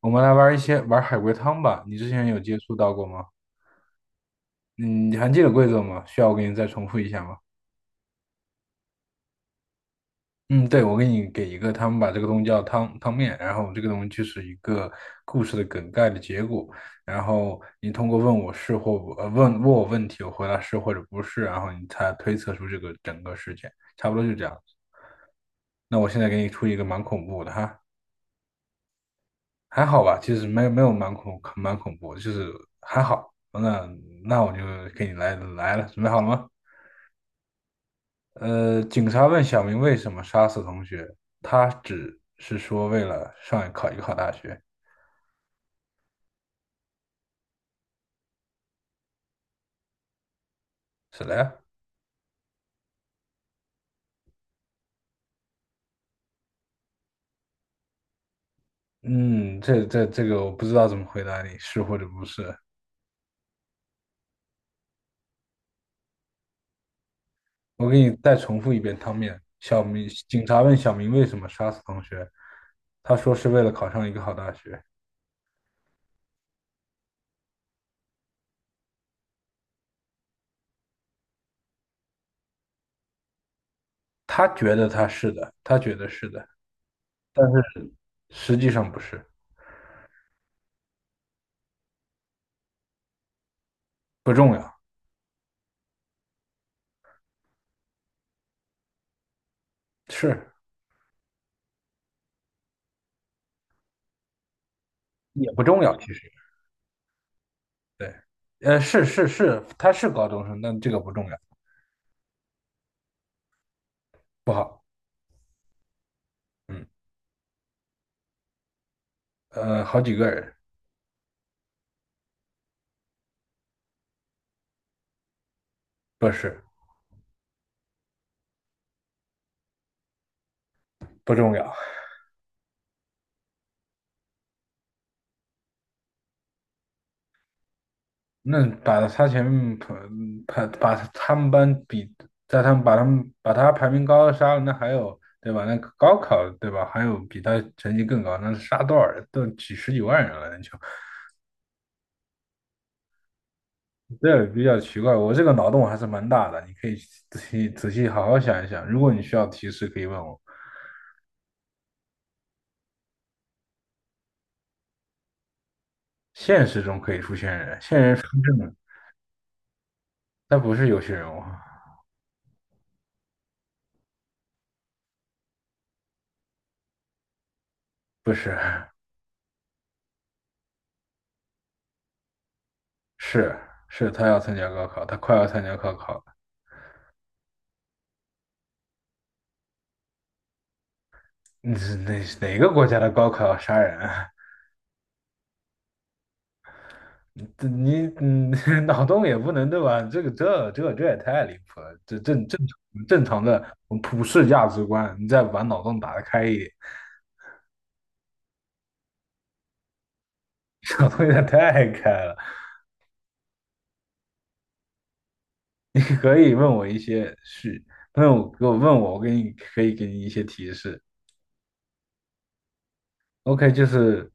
我们来玩一些玩海龟汤吧。你之前有接触到过吗？嗯，你还记得规则吗？需要我给你再重复一下吗？嗯，对，我给你给一个，他们把这个东西叫汤面，然后这个东西就是一个故事的梗概的结果，然后你通过问我问题，我回答是或者不是，然后你才推测出这个整个事件，差不多就这样。那我现在给你出一个蛮恐怖的哈，还好吧，其实没有蛮恐怖的就是还好。那我就给你来了，准备好了吗？警察问小明为什么杀死同学，他只是说为了上考一个好大学。是的呀。嗯，这个我不知道怎么回答你，是或者不是。我给你再重复一遍汤面。小明，警察问小明为什么杀死同学，他说是为了考上一个好大学。他觉得他是的，他觉得是的，但是实际上不是。不重要，是也不重要，其实对，是，他是高中生，但这个不重要。不好。嗯，好几个人。不是，不重要。那把他前面排把他们班比，在他们把他们把他排名高的杀了，那还有对吧？那高考对吧？还有比他成绩更高，那杀多少人？都几十几万人了，那就这比较奇怪。我这个脑洞还是蛮大的，你可以仔细好好想一想。如果你需要提示，可以问我。现实中可以出现人，现人出证。他不是游戏人物。不是。是是，他要参加高考，他快要参加高考了。你是哪个国家的高考要杀人啊？这你嗯，脑洞也不能对吧？这个这这这也太离谱了，这正常的普世价值观，你再把脑洞打得开一点。脑洞有点太开了。你可以问我一些是，问我，我可以给你一些提示。OK，就是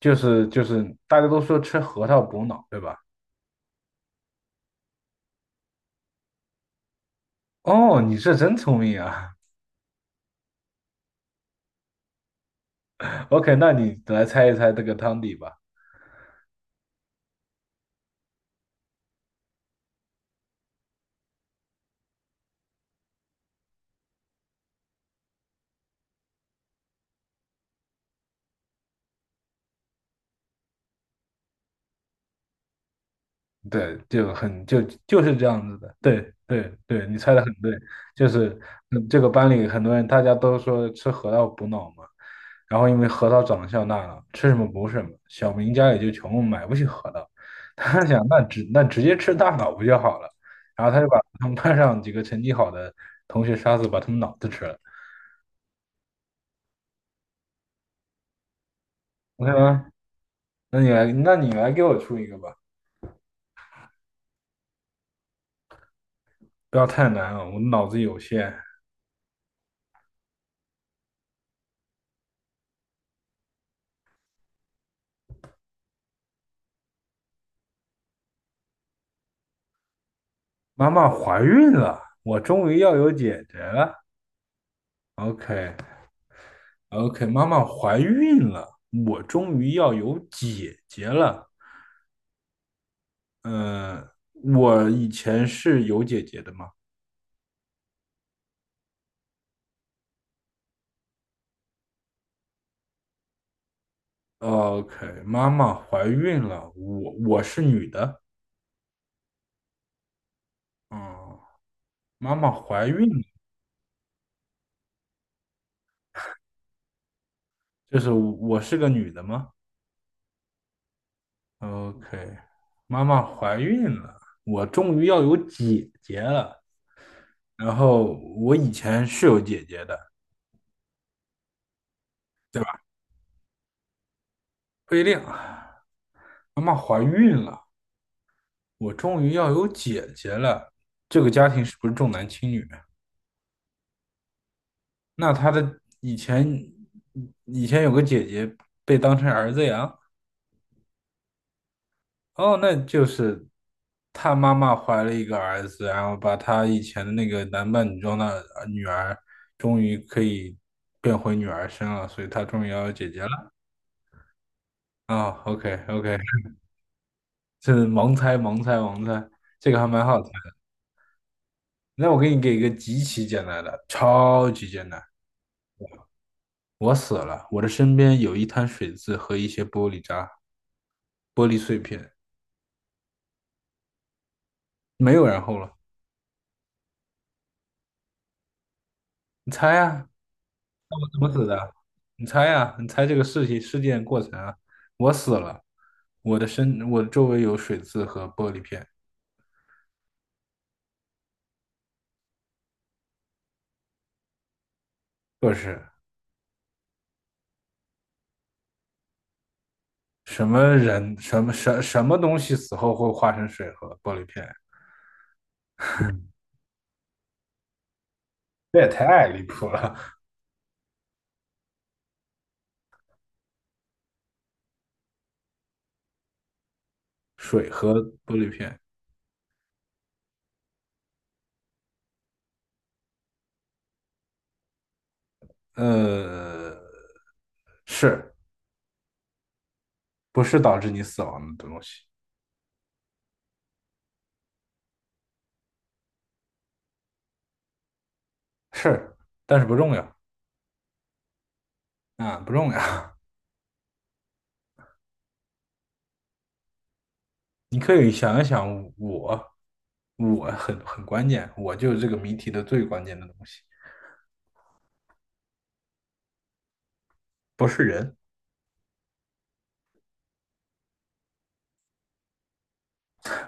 就是就是大家都说吃核桃补脑，对吧？哦，你是真聪明啊。OK，那你来猜一猜这个汤底吧。对，就很就就是这样子的。对对对，你猜的很对。就是嗯这个班里很多人大家都说吃核桃补脑嘛，然后因为核桃长得像大脑，吃什么补什么。小明家里就穷，买不起核桃，他想那直接吃大脑不就好了？然后他就把他们班上几个成绩好的同学杀死，把他们脑子吃了，OK 吗？那你来给我出一个吧，不要太难了，我脑子有限。妈妈怀孕了，我终于要有姐姐了。OK，OK，妈妈怀孕了，我终于要有姐姐了。嗯，我以前是有姐姐的吗？OK，妈妈怀孕了，我我是女的。嗯，妈妈怀孕了就是我是个女的吗？OK，妈妈怀孕了，我终于要有姐，然后我以前是有姐姐的，不一定啊。妈妈怀孕了，我终于要有姐姐了，这个家庭是不是重男轻女啊？那她的以前，以前有个姐姐被当成儿子养。哦，那就是她妈妈怀了一个儿子，然后把她以前的那个男扮女装的女儿，终于可以变回女儿身了，所以她终于要有姐姐了。啊、o k OK，是盲猜，这个还蛮好的。那我给你给一个极其简单的，超级简单。我死了，我的身边有一滩水渍和一些玻璃渣、玻璃碎片，没有然后了。你猜呀、我怎么死的？你猜呀、你猜这个事件过程啊？我死了，我的周围有水渍和玻璃片。不是。什么人，什么东西死后会化成水和玻璃片？这也太离谱了！水和玻璃片，呃，是。不是导致你死亡的东西。是，但是不重要。啊，不重要。你可以想一想我，我很关键，我就是这个谜题的最关键的东西。不是人。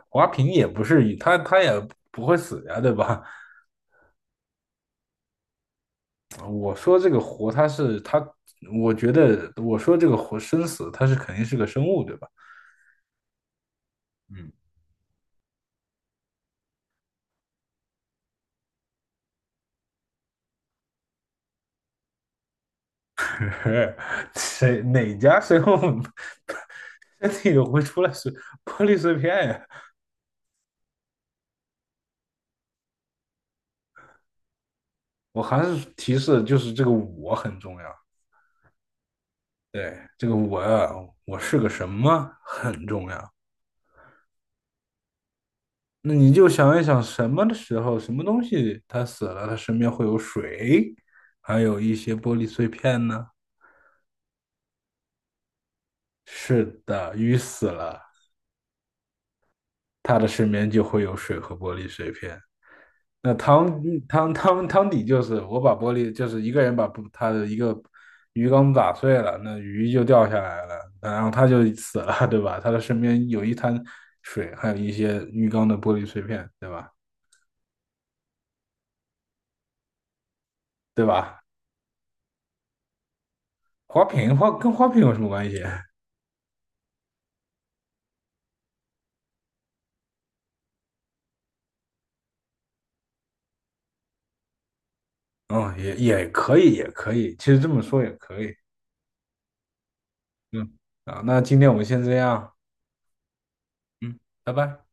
华平也不是，他也不会死呀，对吧？我说这个活，他是他，我觉得我说这个活生死，他是肯定是个生物，对吧？嗯。谁哪家生物 身体会出来是玻璃碎片呀？我还是提示就是这个我很重要。对，这个我呀，我是个什么很重要。那你就想一想，什么的时候，什么东西它死了，它身边会有水，还有一些玻璃碎片呢？是的，鱼死了，它的身边就会有水和玻璃碎片。那汤底就是我把玻璃，就是一个人把不他的一个鱼缸打碎了，那鱼就掉下来了，然后他就死了，对吧？他的身边有一滩水，还有一些鱼缸的玻璃碎片，对吧？对吧？花瓶有什么关系？嗯，也可以，其实这么说也可以。嗯，啊，那今天我们先这样，嗯，拜拜。